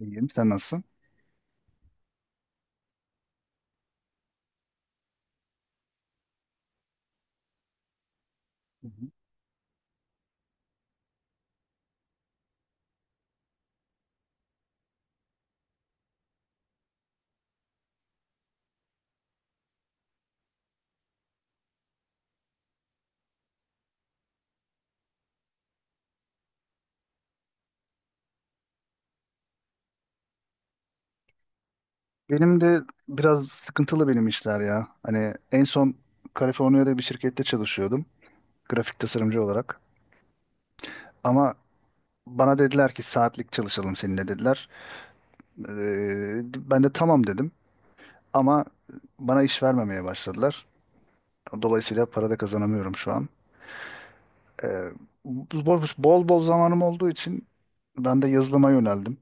İyiyim. Sen nasılsın? Hı hı. Benim de biraz sıkıntılı benim işler ya. Hani en son Kaliforniya'da bir şirkette çalışıyordum. Grafik tasarımcı olarak. Ama bana dediler ki saatlik çalışalım seninle dediler. Ee, Ben de tamam dedim. Ama bana iş vermemeye başladılar. Dolayısıyla para da kazanamıyorum şu an. Ee, Bol bol zamanım olduğu için ben de yazılıma yöneldim.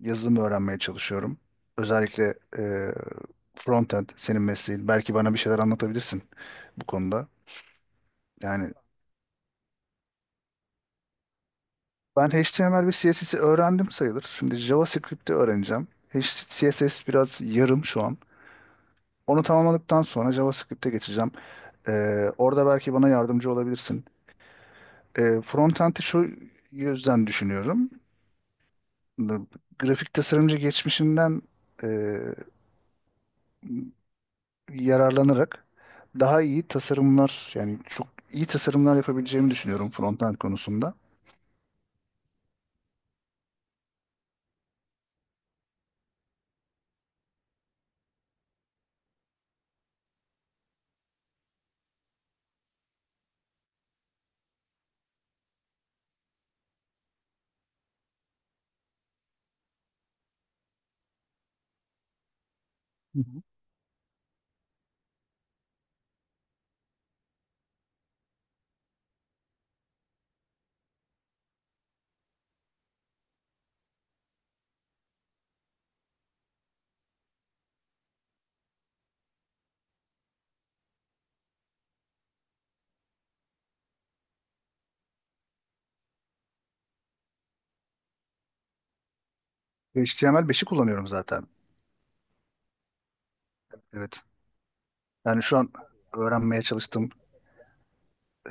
Yazılım öğrenmeye çalışıyorum. Özellikle frontend senin mesleğin. Belki bana bir şeyler anlatabilirsin bu konuda. Yani ben HTML ve CSS'i öğrendim sayılır. Şimdi JavaScript'i öğreneceğim. CSS biraz yarım şu an. Onu tamamladıktan sonra JavaScript'e geçeceğim. E, Orada belki bana yardımcı olabilirsin. Frontend'i şu yüzden düşünüyorum. Grafik tasarımcı geçmişimden yararlanarak daha iyi tasarımlar, yani çok iyi tasarımlar yapabileceğimi düşünüyorum frontend konusunda. Hı hı. HTML5'i kullanıyorum zaten. Evet. Yani şu an öğrenmeye çalıştığım...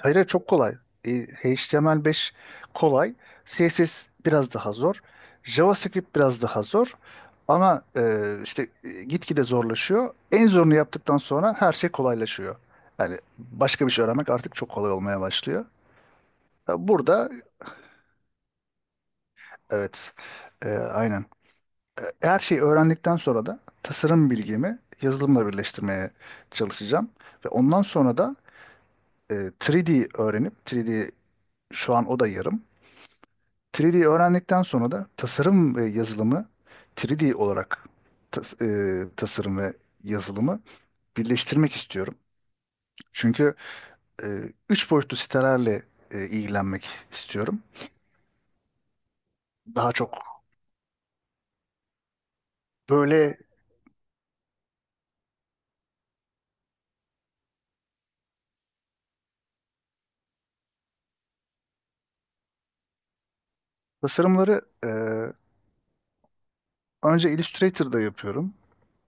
Hayır, hayır, çok kolay. E, HTML5 kolay. CSS biraz daha zor. JavaScript biraz daha zor. Ama işte, gitgide zorlaşıyor. En zorunu yaptıktan sonra her şey kolaylaşıyor. Yani başka bir şey öğrenmek artık çok kolay olmaya başlıyor. Burada, evet, aynen. Her şeyi öğrendikten sonra da tasarım bilgimi yazılımla birleştirmeye çalışacağım. Ve ondan sonra da e, 3D öğrenip 3D, şu an o da yarım. 3D öğrendikten sonra da tasarım ve yazılımı 3D olarak tas- e, tasarım ve yazılımı birleştirmek istiyorum. Çünkü e, üç boyutlu sitelerle ilgilenmek istiyorum. Daha çok böyle tasarımları önce Illustrator'da yapıyorum.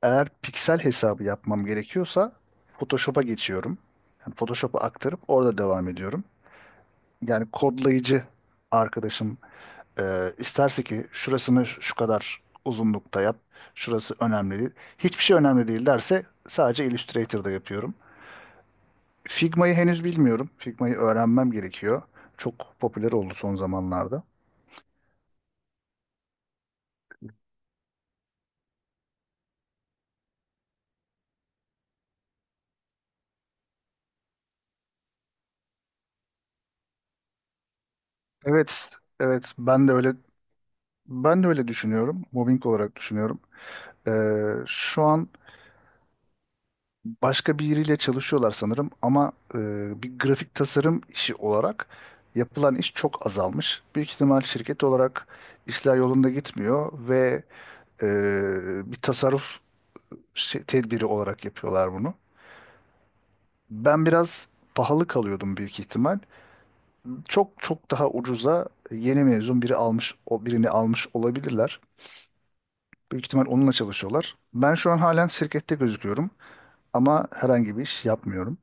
Eğer piksel hesabı yapmam gerekiyorsa Photoshop'a geçiyorum. Yani Photoshop'a aktarıp orada devam ediyorum. Yani kodlayıcı arkadaşım isterse ki şurasını şu kadar uzunlukta yap, şurası önemli değil. Hiçbir şey önemli değil derse sadece Illustrator'da yapıyorum. Figma'yı henüz bilmiyorum. Figma'yı öğrenmem gerekiyor. Çok popüler oldu son zamanlarda. Evet, evet, ben de öyle düşünüyorum. Mobbing olarak düşünüyorum. Ee, Şu an başka biriyle çalışıyorlar sanırım ama bir grafik tasarım işi olarak yapılan iş çok azalmış. Büyük ihtimal şirket olarak işler yolunda gitmiyor ve e, bir tasarruf tedbiri olarak yapıyorlar bunu. Ben biraz pahalı kalıyordum büyük ihtimal. Çok çok daha ucuza yeni mezun biri almış, o birini almış olabilirler. Büyük ihtimal onunla çalışıyorlar. Ben şu an halen şirkette gözüküyorum ama herhangi bir iş yapmıyorum.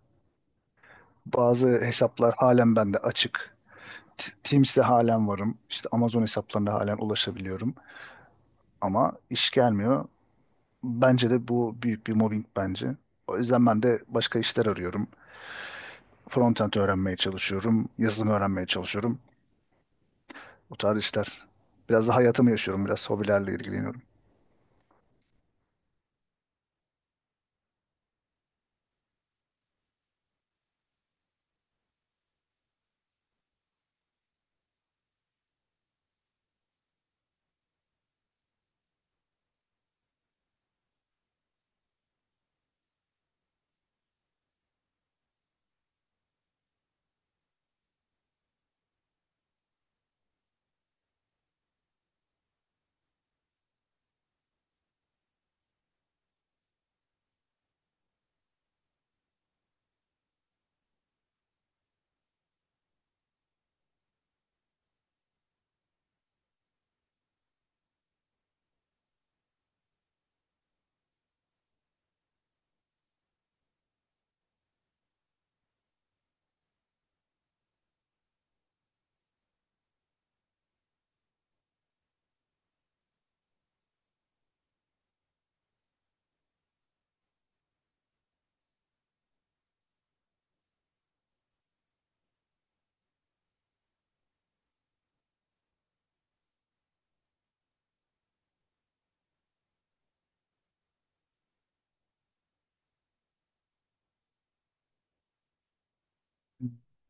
Bazı hesaplar halen bende açık. Teams'te halen varım. İşte Amazon hesaplarına halen ulaşabiliyorum. Ama iş gelmiyor. Bence de bu büyük bir mobbing bence. O yüzden ben de başka işler arıyorum. Frontend öğrenmeye çalışıyorum. Yazılım öğrenmeye çalışıyorum. Bu tarz işler. Biraz da hayatımı yaşıyorum. Biraz hobilerle ilgileniyorum.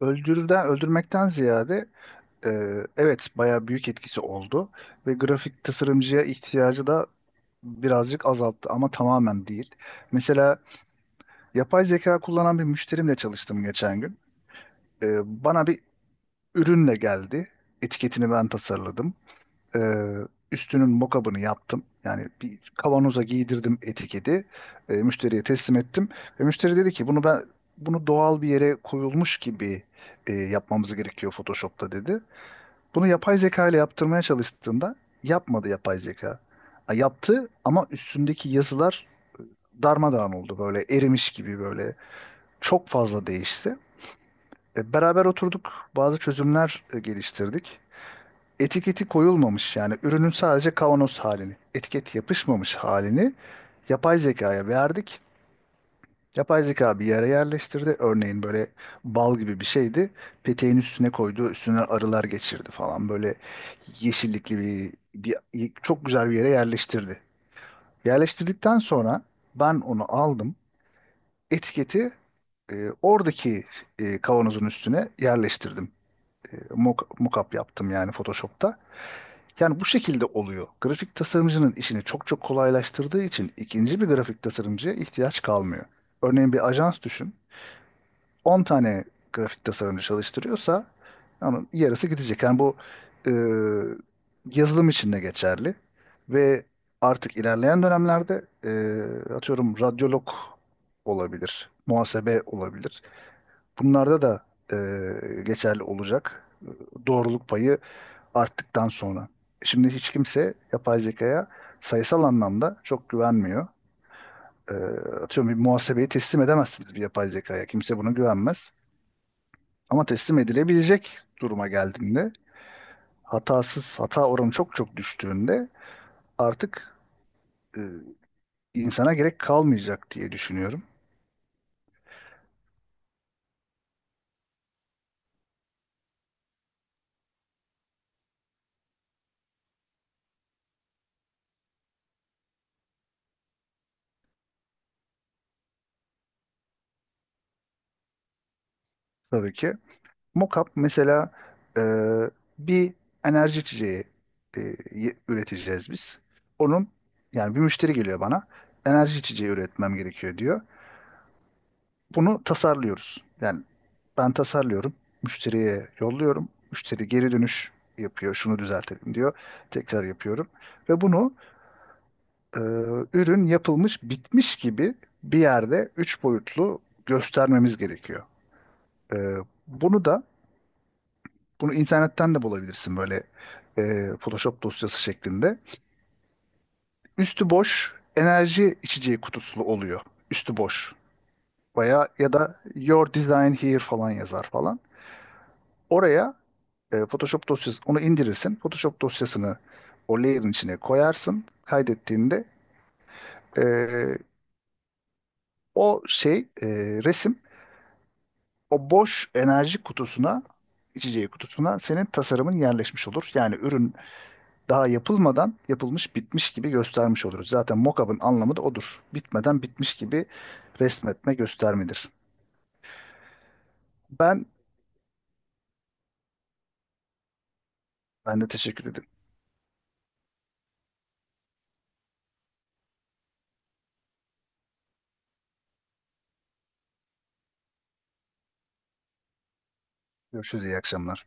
Öldürmekten ziyade, e, evet, bayağı büyük etkisi oldu. Ve grafik tasarımcıya ihtiyacı da birazcık azalttı ama tamamen değil. Mesela yapay zeka kullanan bir müşterimle çalıştım geçen gün. Bana bir ürünle geldi. Etiketini ben tasarladım. Ee, Üstünün mockup'ını yaptım. Yani bir kavanoza giydirdim etiketi. Müşteriye teslim ettim. Ve müşteri dedi ki bunu doğal bir yere koyulmuş gibi yapmamız gerekiyor Photoshop'ta dedi. Bunu yapay zeka ile yaptırmaya çalıştığımda yapmadı yapay zeka. Ha, yaptı ama üstündeki yazılar darmadağın oldu, böyle erimiş gibi, böyle çok fazla değişti. Beraber oturduk, bazı çözümler geliştirdik. Etiketi koyulmamış, yani ürünün sadece kavanoz halini, etiket yapışmamış halini yapay zekaya verdik. Yapay zeka bir yere yerleştirdi. Örneğin böyle bal gibi bir şeydi. Peteğin üstüne koydu, üstüne arılar geçirdi falan. Böyle yeşillikli bir çok güzel bir yere yerleştirdi. Yerleştirdikten sonra ben onu aldım. Etiketi e, oradaki kavanozun üstüne yerleştirdim. Mockup yaptım yani Photoshop'ta. Yani bu şekilde oluyor. Grafik tasarımcının işini çok çok kolaylaştırdığı için ikinci bir grafik tasarımcıya ihtiyaç kalmıyor. Örneğin bir ajans düşün. 10 tane grafik tasarımcı çalıştırıyorsa, yani yarısı gidecek. Yani bu e, yazılım için de geçerli. Ve artık ilerleyen dönemlerde atıyorum radyolog olabilir, muhasebe olabilir. Bunlarda da e, geçerli olacak. Doğruluk payı arttıktan sonra. Şimdi hiç kimse yapay zekaya sayısal anlamda çok güvenmiyor. Ee, Atıyorum bir muhasebeyi teslim edemezsiniz bir yapay zekaya. Kimse buna güvenmez. Ama teslim edilebilecek duruma geldiğinde, hatasız, hata oranı çok çok düştüğünde artık e, insana gerek kalmayacak diye düşünüyorum. Tabii ki. Mockup mesela, e, bir enerji içeceği e, üreteceğiz biz. Onun, yani bir müşteri geliyor bana. Enerji içeceği üretmem gerekiyor diyor. Bunu tasarlıyoruz. Yani ben tasarlıyorum. Müşteriye yolluyorum. Müşteri geri dönüş yapıyor. Şunu düzeltelim diyor. Tekrar yapıyorum. Ve bunu e, ürün yapılmış bitmiş gibi bir yerde üç boyutlu göstermemiz gerekiyor. E, bunu da Bunu internetten de bulabilirsin, böyle Photoshop dosyası şeklinde. Üstü boş enerji içeceği kutusu oluyor. Üstü boş. Veya ya da Your Design Here falan yazar falan. Oraya Photoshop dosyası, onu indirirsin. Photoshop dosyasını o layer'ın içine koyarsın. Kaydettiğinde e, o şey, resim, o boş enerji kutusuna içeceği kutusuna senin tasarımın yerleşmiş olur. Yani ürün daha yapılmadan yapılmış bitmiş gibi göstermiş oluruz. Zaten mock-up'ın anlamı da odur. Bitmeden bitmiş gibi resmetme, göstermedir. Ben Ben de teşekkür ederim. Görüşürüz, iyi akşamlar.